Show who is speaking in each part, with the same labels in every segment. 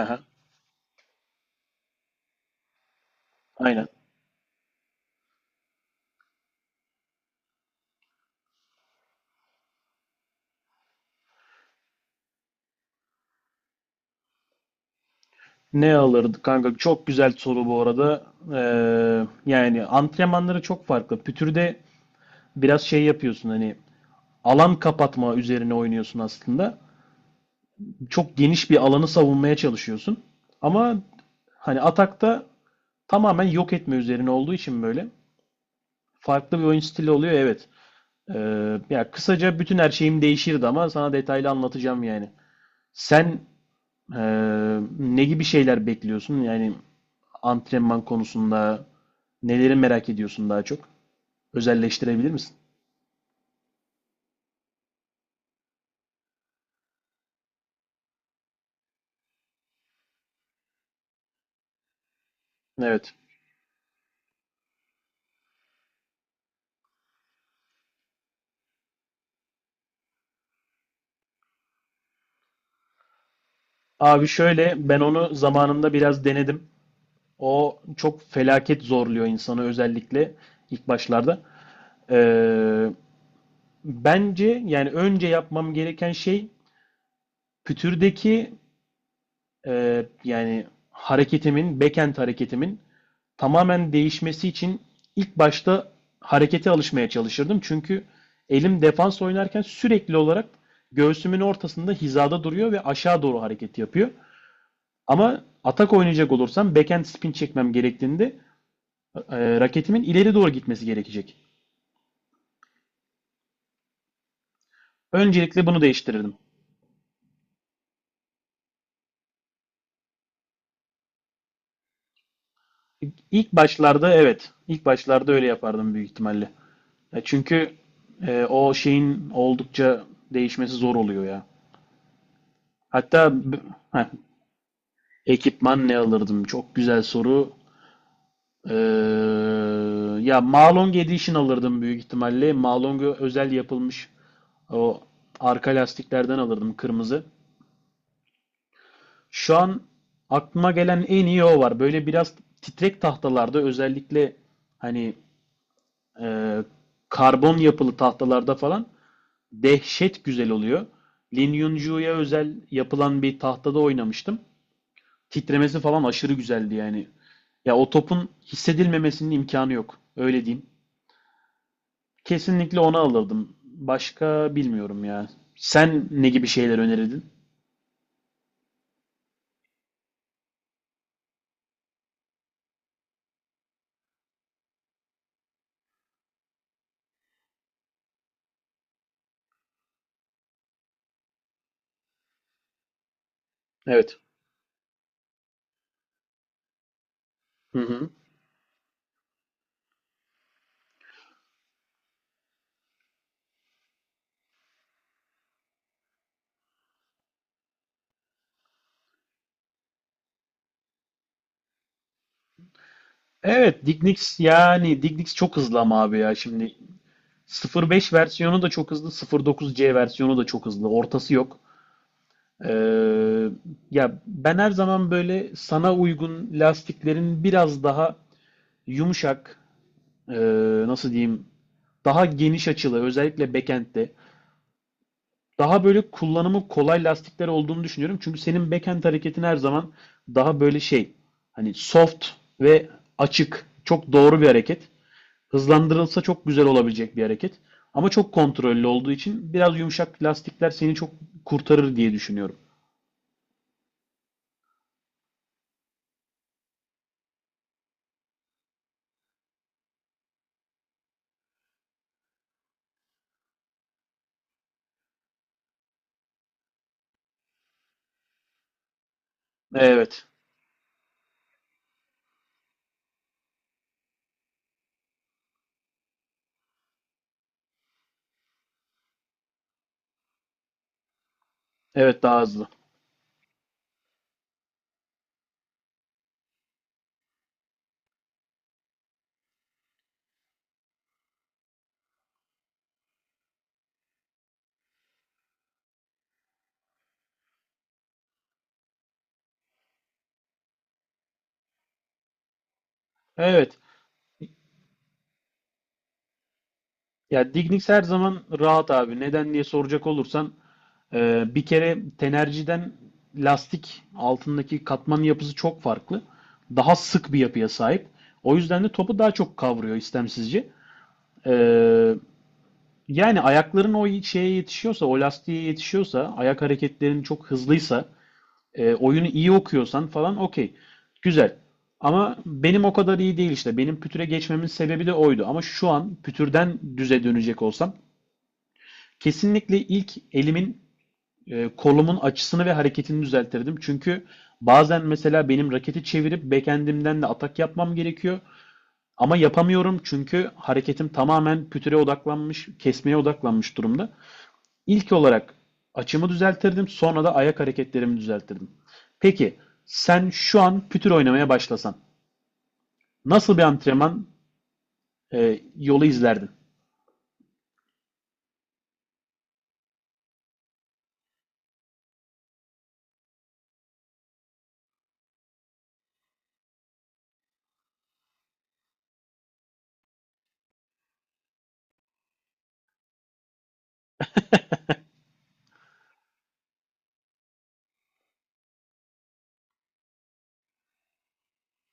Speaker 1: Aha, aynen. Ne alırdı kanka? Çok güzel soru bu arada. Ee, Yani antrenmanları çok farklı. Pütür'de biraz şey yapıyorsun, hani alan kapatma üzerine oynuyorsun aslında. Çok geniş bir alanı savunmaya çalışıyorsun. Ama hani atakta tamamen yok etme üzerine olduğu için böyle farklı bir oyun stili oluyor, evet. Ya kısaca bütün her şeyim değişirdi ama sana detaylı anlatacağım yani. Sen ne gibi şeyler bekliyorsun? Yani antrenman konusunda neleri merak ediyorsun daha çok? Özelleştirebilir misin? Evet. Abi şöyle, ben onu zamanında biraz denedim. O çok felaket zorluyor insanı, özellikle ilk başlarda. Ee, Bence yani önce yapmam gereken şey pütürdeki yani hareketimin, backend hareketimin tamamen değişmesi için ilk başta harekete alışmaya çalışırdım. Çünkü elim defans oynarken sürekli olarak göğsümün ortasında hizada duruyor ve aşağı doğru hareket yapıyor. Ama atak oynayacak olursam backhand spin çekmem gerektiğinde raketimin ileri doğru gitmesi gerekecek. Öncelikle bunu değiştirirdim. İlk başlarda evet, ilk başlarda öyle yapardım büyük ihtimalle. Çünkü o şeyin oldukça değişmesi zor oluyor ya. Hatta heh, ekipman ne alırdım? Çok güzel soru. Ee, Ya Malong Edition alırdım büyük ihtimalle. Malong'a özel yapılmış o arka lastiklerden alırdım, kırmızı. Şu an aklıma gelen en iyi o var. Böyle biraz titrek tahtalarda, özellikle hani e, karbon yapılı tahtalarda falan dehşet güzel oluyor. Lin Yunju'ya özel yapılan bir tahtada oynamıştım. Titremesi falan aşırı güzeldi yani. Ya o topun hissedilmemesinin imkanı yok. Öyle diyeyim. Kesinlikle onu alırdım. Başka bilmiyorum ya. Sen ne gibi şeyler önerirdin? Evet. Hı hı. Evet, Dignics, yani Dignics çok hızlı ama abi ya şimdi 0.5 versiyonu da çok hızlı, 0.9C versiyonu da çok hızlı. Ortası yok. Ee, Ya ben her zaman böyle sana uygun lastiklerin biraz daha yumuşak, nasıl diyeyim, daha geniş açılı, özellikle backend'de daha böyle kullanımı kolay lastikler olduğunu düşünüyorum. Çünkü senin backhand hareketin her zaman daha böyle şey, hani soft ve açık. Çok doğru bir hareket. Hızlandırılsa çok güzel olabilecek bir hareket. Ama çok kontrollü olduğu için biraz yumuşak lastikler seni çok kurtarır diye düşünüyorum. Evet. Evet, daha hızlı. Evet. Ya Dignics her zaman rahat abi. Neden diye soracak olursan bir kere tenerciden lastik altındaki katmanın yapısı çok farklı. Daha sık bir yapıya sahip. O yüzden de topu daha çok kavruyor istemsizce. Ee, Yani ayakların o şeye yetişiyorsa, o lastiğe yetişiyorsa, ayak hareketlerin çok hızlıysa, oyunu iyi okuyorsan falan, okey. Güzel. Ama benim o kadar iyi değil işte. Benim pütüre geçmemin sebebi de oydu. Ama şu an pütürden düze dönecek olsam kesinlikle ilk elimin kolumun açısını ve hareketini düzeltirdim. Çünkü bazen mesela benim raketi çevirip backend'imden de atak yapmam gerekiyor. Ama yapamıyorum çünkü hareketim tamamen pütüre odaklanmış, kesmeye odaklanmış durumda. İlk olarak açımı düzeltirdim, sonra da ayak hareketlerimi düzeltirdim. Peki sen şu an pütür oynamaya başlasan nasıl bir antrenman yolu izlerdin?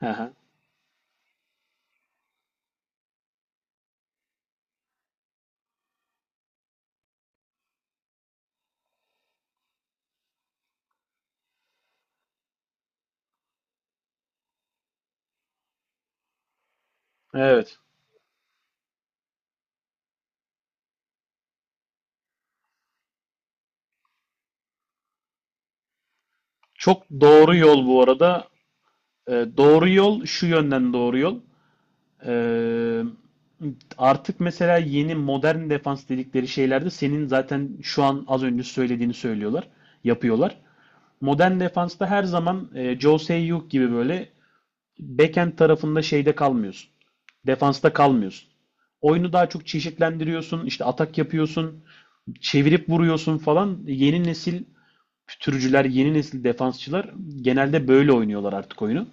Speaker 1: Hı evet. Çok doğru yol bu arada. E, doğru yol şu yönden doğru yol. Ee, Artık mesela yeni modern defans dedikleri şeylerde senin zaten şu an az önce söylediğini söylüyorlar, yapıyorlar. Modern defansta her zaman Jose Sayuk gibi böyle backend tarafında şeyde kalmıyorsun. Defansta kalmıyorsun. Oyunu daha çok çeşitlendiriyorsun, işte atak yapıyorsun, çevirip vuruyorsun falan. Yeni nesil türcüler, yeni nesil defansçılar genelde böyle oynuyorlar artık oyunu.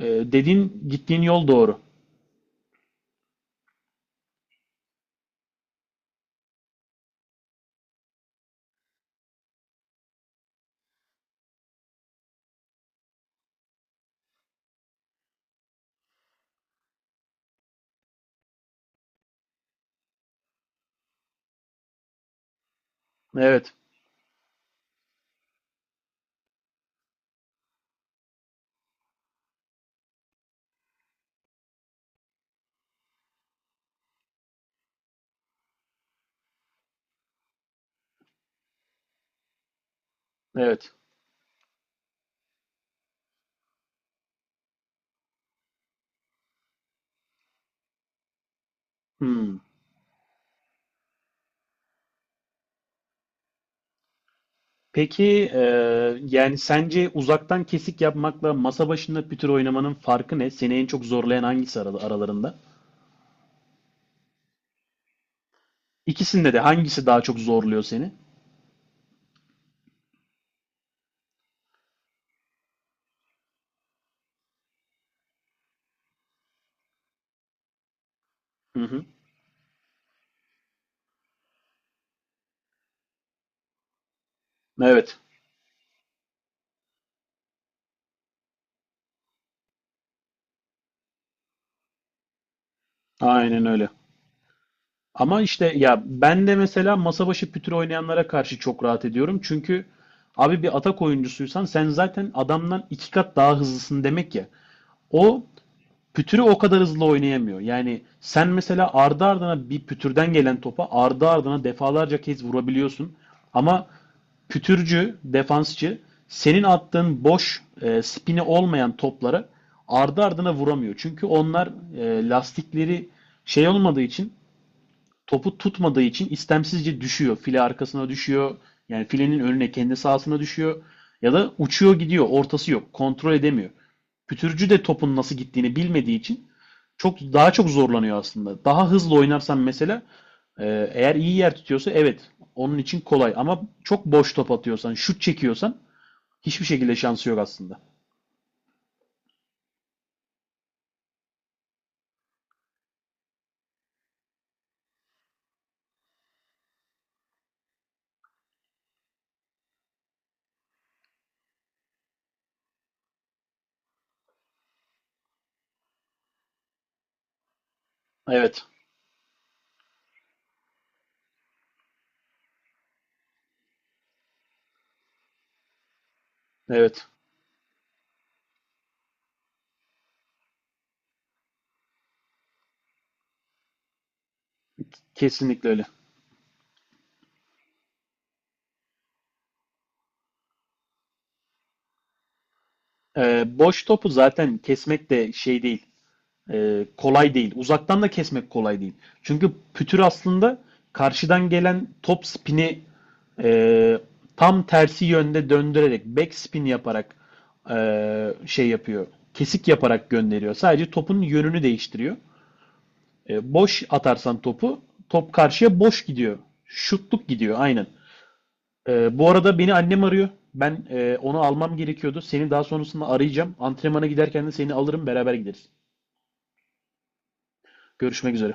Speaker 1: Ee, Dediğin gittiğin yol doğru. Evet, evet. Hmm. Peki yani sence uzaktan kesik yapmakla masa başında pütür oynamanın farkı ne? Seni en çok zorlayan hangisi aralarında? İkisinde de hangisi daha çok zorluyor seni? Hı hı. Evet. Aynen öyle. Ama işte ya ben de mesela masa başı pütür oynayanlara karşı çok rahat ediyorum. Çünkü abi, bir atak oyuncusuysan sen zaten adamdan iki kat daha hızlısın demek ya. O pütürü o kadar hızlı oynayamıyor. Yani sen mesela ardı ardına bir pütürden gelen topa ardı ardına defalarca kez vurabiliyorsun. Ama pütürcü, defansçı senin attığın boş spini olmayan toplara ardı ardına vuramıyor. Çünkü onlar lastikleri şey olmadığı için, topu tutmadığı için, istemsizce düşüyor. File arkasına düşüyor. Yani filenin önüne kendi sahasına düşüyor. Ya da uçuyor gidiyor. Ortası yok. Kontrol edemiyor. Pütürcü de topun nasıl gittiğini bilmediği için çok daha çok zorlanıyor aslında. Daha hızlı oynarsan mesela eğer iyi yer tutuyorsa evet, onun için kolay. Ama çok boş top atıyorsan, şut çekiyorsan hiçbir şekilde şansı yok aslında. Evet. Evet. Kesinlikle öyle. E, boş topu zaten kesmek de şey değil, kolay değil. Uzaktan da kesmek kolay değil. Çünkü pütür aslında karşıdan gelen top spini e, tam tersi yönde döndürerek, back spin yaparak e, şey yapıyor. Kesik yaparak gönderiyor. Sadece topun yönünü değiştiriyor. E, boş atarsan topu, top karşıya boş gidiyor. Şutluk gidiyor aynen. E, bu arada beni annem arıyor. Ben onu almam gerekiyordu. Seni daha sonrasında arayacağım. Antrenmana giderken de seni alırım, beraber gideriz. Görüşmek üzere.